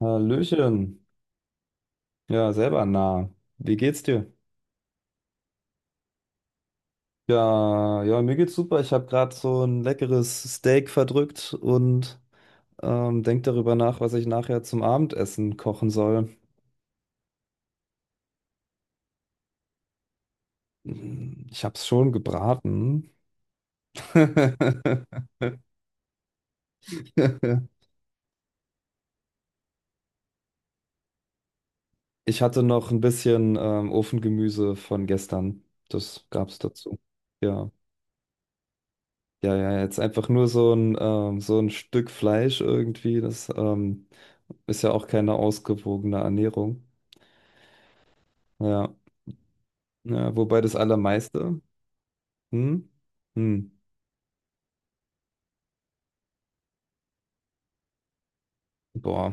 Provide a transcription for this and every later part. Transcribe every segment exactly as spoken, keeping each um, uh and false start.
Hallöchen. Ja, selber nah. Wie geht's dir? Ja, ja, mir geht's super. Ich habe gerade so ein leckeres Steak verdrückt und ähm, denk darüber nach, was ich nachher zum Abendessen kochen soll. Ich hab's schon gebraten. Ich hatte noch ein bisschen ähm, Ofengemüse von gestern. Das gab's dazu. Ja. Ja, ja, jetzt einfach nur so ein, ähm, so ein Stück Fleisch irgendwie, das ähm, ist ja auch keine ausgewogene Ernährung. Ja, ja, wobei das Allermeiste, hm? Hm. Boah,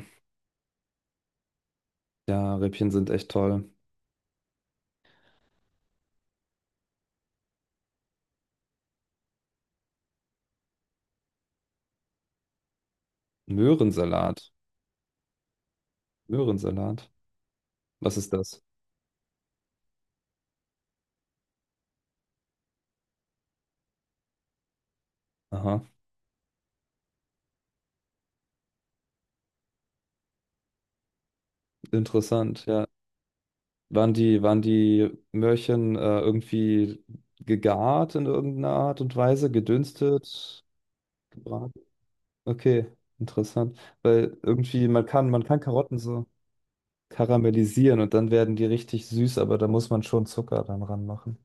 ja, Rippchen sind echt toll. Möhrensalat, Möhrensalat. Was ist das? Aha, interessant, ja. Waren die, waren die Möhrchen äh, irgendwie gegart in irgendeiner Art und Weise, gedünstet, gebraten? Okay, interessant. Weil irgendwie, man kann, man kann Karotten so karamellisieren und dann werden die richtig süß, aber da muss man schon Zucker dann ranmachen.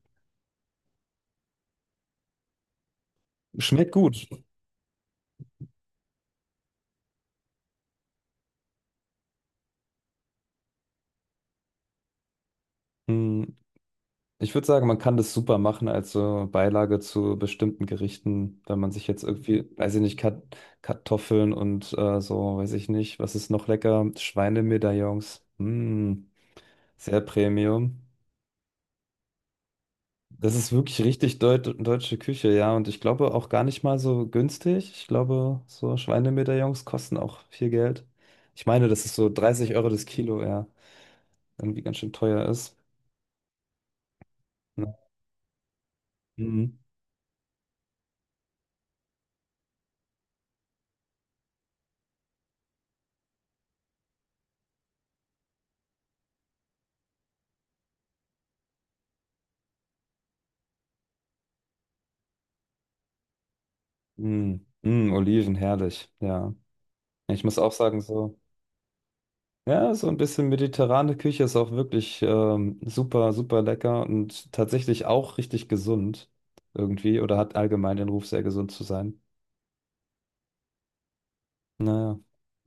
Schmeckt gut. Hm, Ich würde sagen, man kann das super machen als so Beilage zu bestimmten Gerichten, wenn man sich jetzt irgendwie, weiß ich nicht, Kat Kartoffeln und äh, so, weiß ich nicht, was ist noch lecker? Schweinemedaillons. Hm, sehr Premium. Das ist wirklich richtig deut deutsche Küche, ja. Und ich glaube auch gar nicht mal so günstig. Ich glaube, so Schweinemedaillons kosten auch viel Geld. Ich meine, das ist so dreißig Euro das Kilo, ja, irgendwie ganz schön teuer ist. Ja. Mhm. Mhm. Mhm, Oliven, herrlich, ja. Ich muss auch sagen, so, ja, so ein bisschen mediterrane Küche ist auch wirklich ähm, super, super lecker und tatsächlich auch richtig gesund irgendwie oder hat allgemein den Ruf, sehr gesund zu sein. Naja,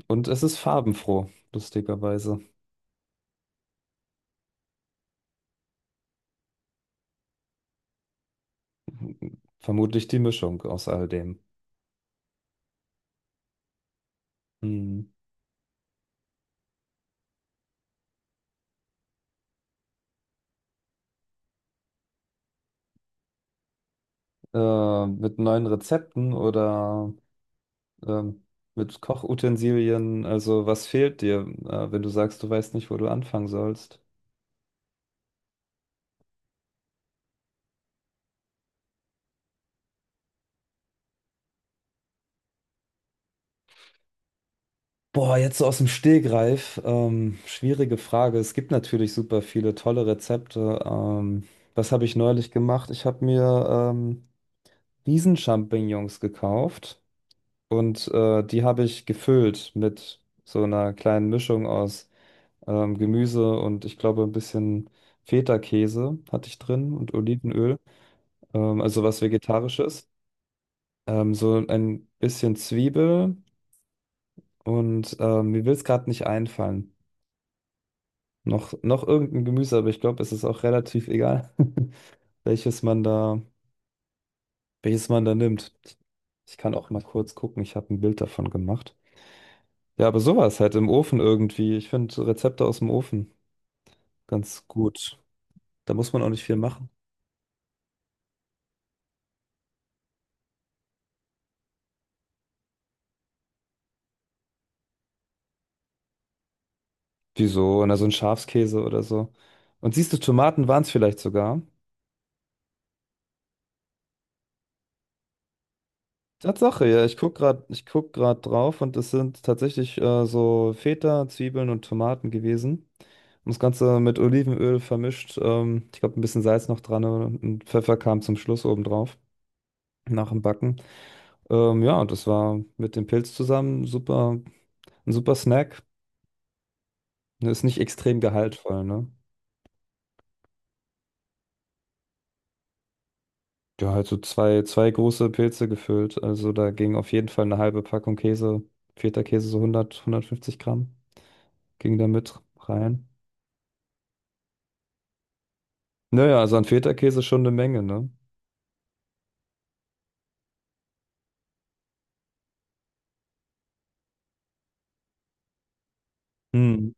und es ist farbenfroh, lustigerweise. Vermutlich die Mischung aus all dem. Hm. Äh, mit neuen Rezepten oder ähm, mit Kochutensilien, also was fehlt dir, äh, wenn du sagst, du weißt nicht, wo du anfangen sollst? Boah, jetzt so aus dem Stegreif, ähm, schwierige Frage. Es gibt natürlich super viele tolle Rezepte. Ähm, was habe ich neulich gemacht? Ich habe mir ähm, Riesenchampignons gekauft und äh, die habe ich gefüllt mit so einer kleinen Mischung aus. ähm, Gemüse und ich glaube ein bisschen Feta-Käse hatte ich drin und Olivenöl, ähm, also was Vegetarisches. Ähm, so ein bisschen Zwiebel und ähm, mir will es gerade nicht einfallen. Noch, noch irgendein Gemüse, aber ich glaube, es ist auch relativ egal, welches man da, welches man da nimmt. Ich kann auch mal kurz gucken, ich habe ein Bild davon gemacht. Ja, aber sowas halt im Ofen irgendwie. Ich finde Rezepte aus dem Ofen ganz gut. Da muss man auch nicht viel machen. Wieso? Na, so ein Schafskäse oder so. Und siehst du, Tomaten waren es vielleicht sogar. Tatsache, ja, ich guck gerade, ich guck gerade drauf und es sind tatsächlich äh, so Feta, Zwiebeln und Tomaten gewesen. Und das Ganze mit Olivenöl vermischt. Ähm, ich glaube, ein bisschen Salz noch dran und Pfeffer kam zum Schluss obendrauf nach dem Backen. Ähm, ja, und das war mit dem Pilz zusammen super, ein super Snack. Ist nicht extrem gehaltvoll, ne? Ja, halt so zwei, zwei große Pilze gefüllt. Also da ging auf jeden Fall eine halbe Packung Käse, Feta-Käse, so hundert, hundertfünfzig Gramm, ging da mit rein. Naja, also an Feta-Käse schon eine Menge, ne? Mhm.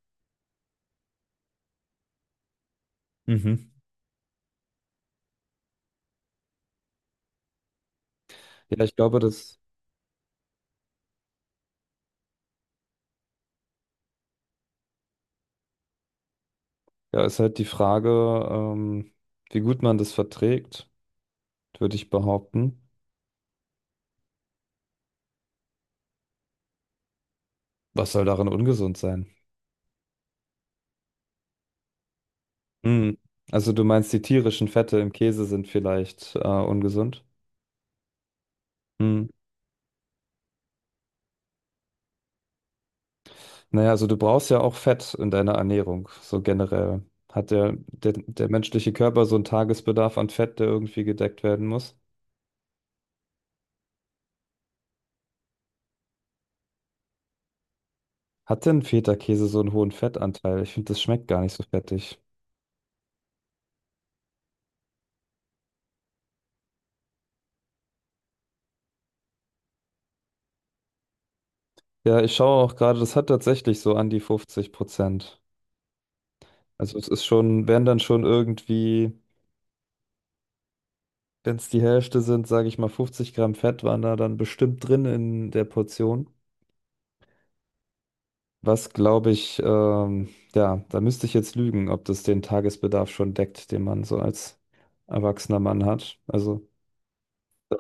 Mhm. Ja, ich glaube, das ja, ist halt die Frage, ähm, wie gut man das verträgt, würde ich behaupten. Was soll darin ungesund sein? Mhm. Also du meinst, die tierischen Fette im Käse sind vielleicht äh, ungesund? Naja, also du brauchst ja auch Fett in deiner Ernährung, so generell. Hat der, der, der menschliche Körper so einen Tagesbedarf an Fett, der irgendwie gedeckt werden muss? Hat denn Feta-Käse so einen hohen Fettanteil? Ich finde, das schmeckt gar nicht so fettig. Ja, ich schaue auch gerade, das hat tatsächlich so an die fünfzig Prozent. Also es ist schon, wären dann schon irgendwie, wenn es die Hälfte sind, sage ich mal, fünfzig Gramm Fett waren da dann bestimmt drin in der Portion. Was glaube ich, ähm, ja, da müsste ich jetzt lügen, ob das den Tagesbedarf schon deckt, den man so als erwachsener Mann hat. Also, äh,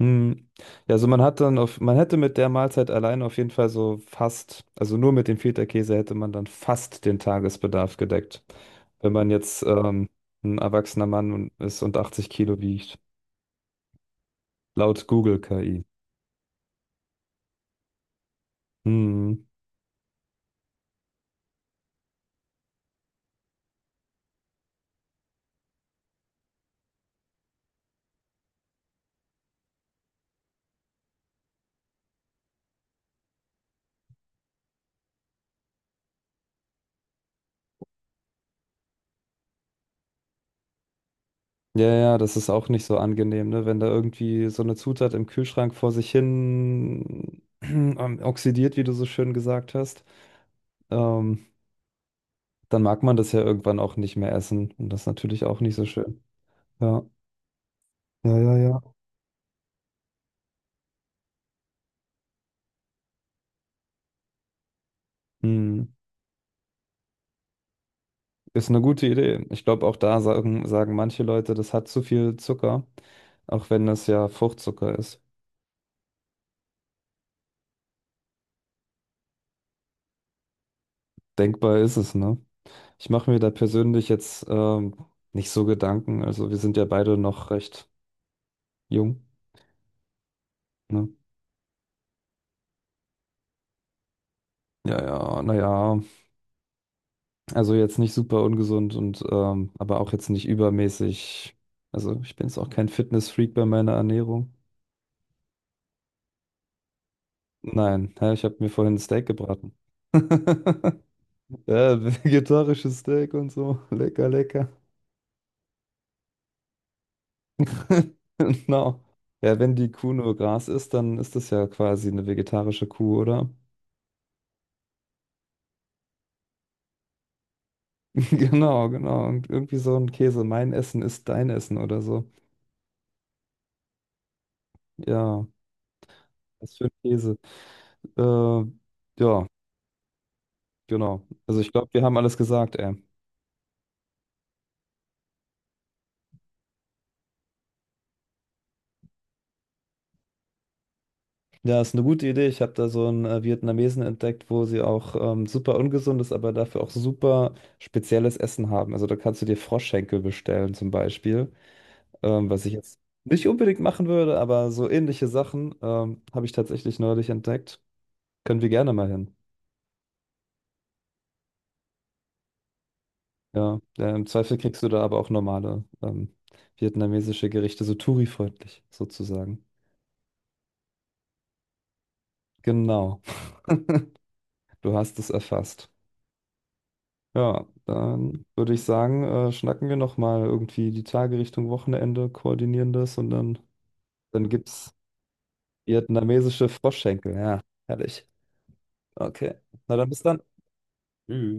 hm, ja, also man hat dann auf, man hätte mit der Mahlzeit allein auf jeden Fall so fast, also nur mit dem Feta-Käse hätte man dann fast den Tagesbedarf gedeckt. Wenn man jetzt ähm, ein erwachsener Mann und- ist und achtzig Kilo wiegt, laut Google K I. Hm. Ja, ja, das ist auch nicht so angenehm, ne? Wenn da irgendwie so eine Zutat im Kühlschrank vor sich hin ähm, oxidiert, wie du so schön gesagt hast, ähm, dann mag man das ja irgendwann auch nicht mehr essen. Und das ist natürlich auch nicht so schön. Ja, ja, ja, ja. Hm. Ist eine gute Idee. Ich glaube, auch da sagen, sagen manche Leute, das hat zu viel Zucker, auch wenn das ja Fruchtzucker ist. Denkbar ist es, ne? Ich mache mir da persönlich jetzt ähm, nicht so Gedanken. Also wir sind ja beide noch recht jung. Ne? Ja, ja, naja, also jetzt nicht super ungesund und ähm, aber auch jetzt nicht übermäßig. Also ich bin jetzt auch kein Fitness-Freak bei meiner Ernährung. Nein, ja, ich habe mir vorhin ein Steak gebraten. Ja, vegetarisches Steak und so. Lecker, lecker. Genau. Ja, wenn die Kuh nur Gras isst, dann ist das ja quasi eine vegetarische Kuh, oder? Genau, genau. Und irgendwie so ein Käse. Mein Essen ist dein Essen oder so. Ja, was für ein Käse. Äh, ja. Genau. Also ich glaube, wir haben alles gesagt, ey. Ja, ist eine gute Idee. Ich habe da so einen äh, Vietnamesen entdeckt, wo sie auch ähm, super ungesundes, aber dafür auch super spezielles Essen haben. Also da kannst du dir Froschschenkel bestellen zum Beispiel, ähm, was ich jetzt nicht unbedingt machen würde, aber so ähnliche Sachen ähm, habe ich tatsächlich neulich entdeckt. Können wir gerne mal hin. Ja, ja, im Zweifel kriegst du da aber auch normale ähm, vietnamesische Gerichte, so Touri-freundlich sozusagen. Genau, du hast es erfasst. Ja, dann würde ich sagen, äh, schnacken wir nochmal irgendwie die Tage Richtung Wochenende, koordinieren das und dann, dann gibt's vietnamesische Froschschenkel. Ja, herrlich. Okay. Na dann bis dann. Tschüss.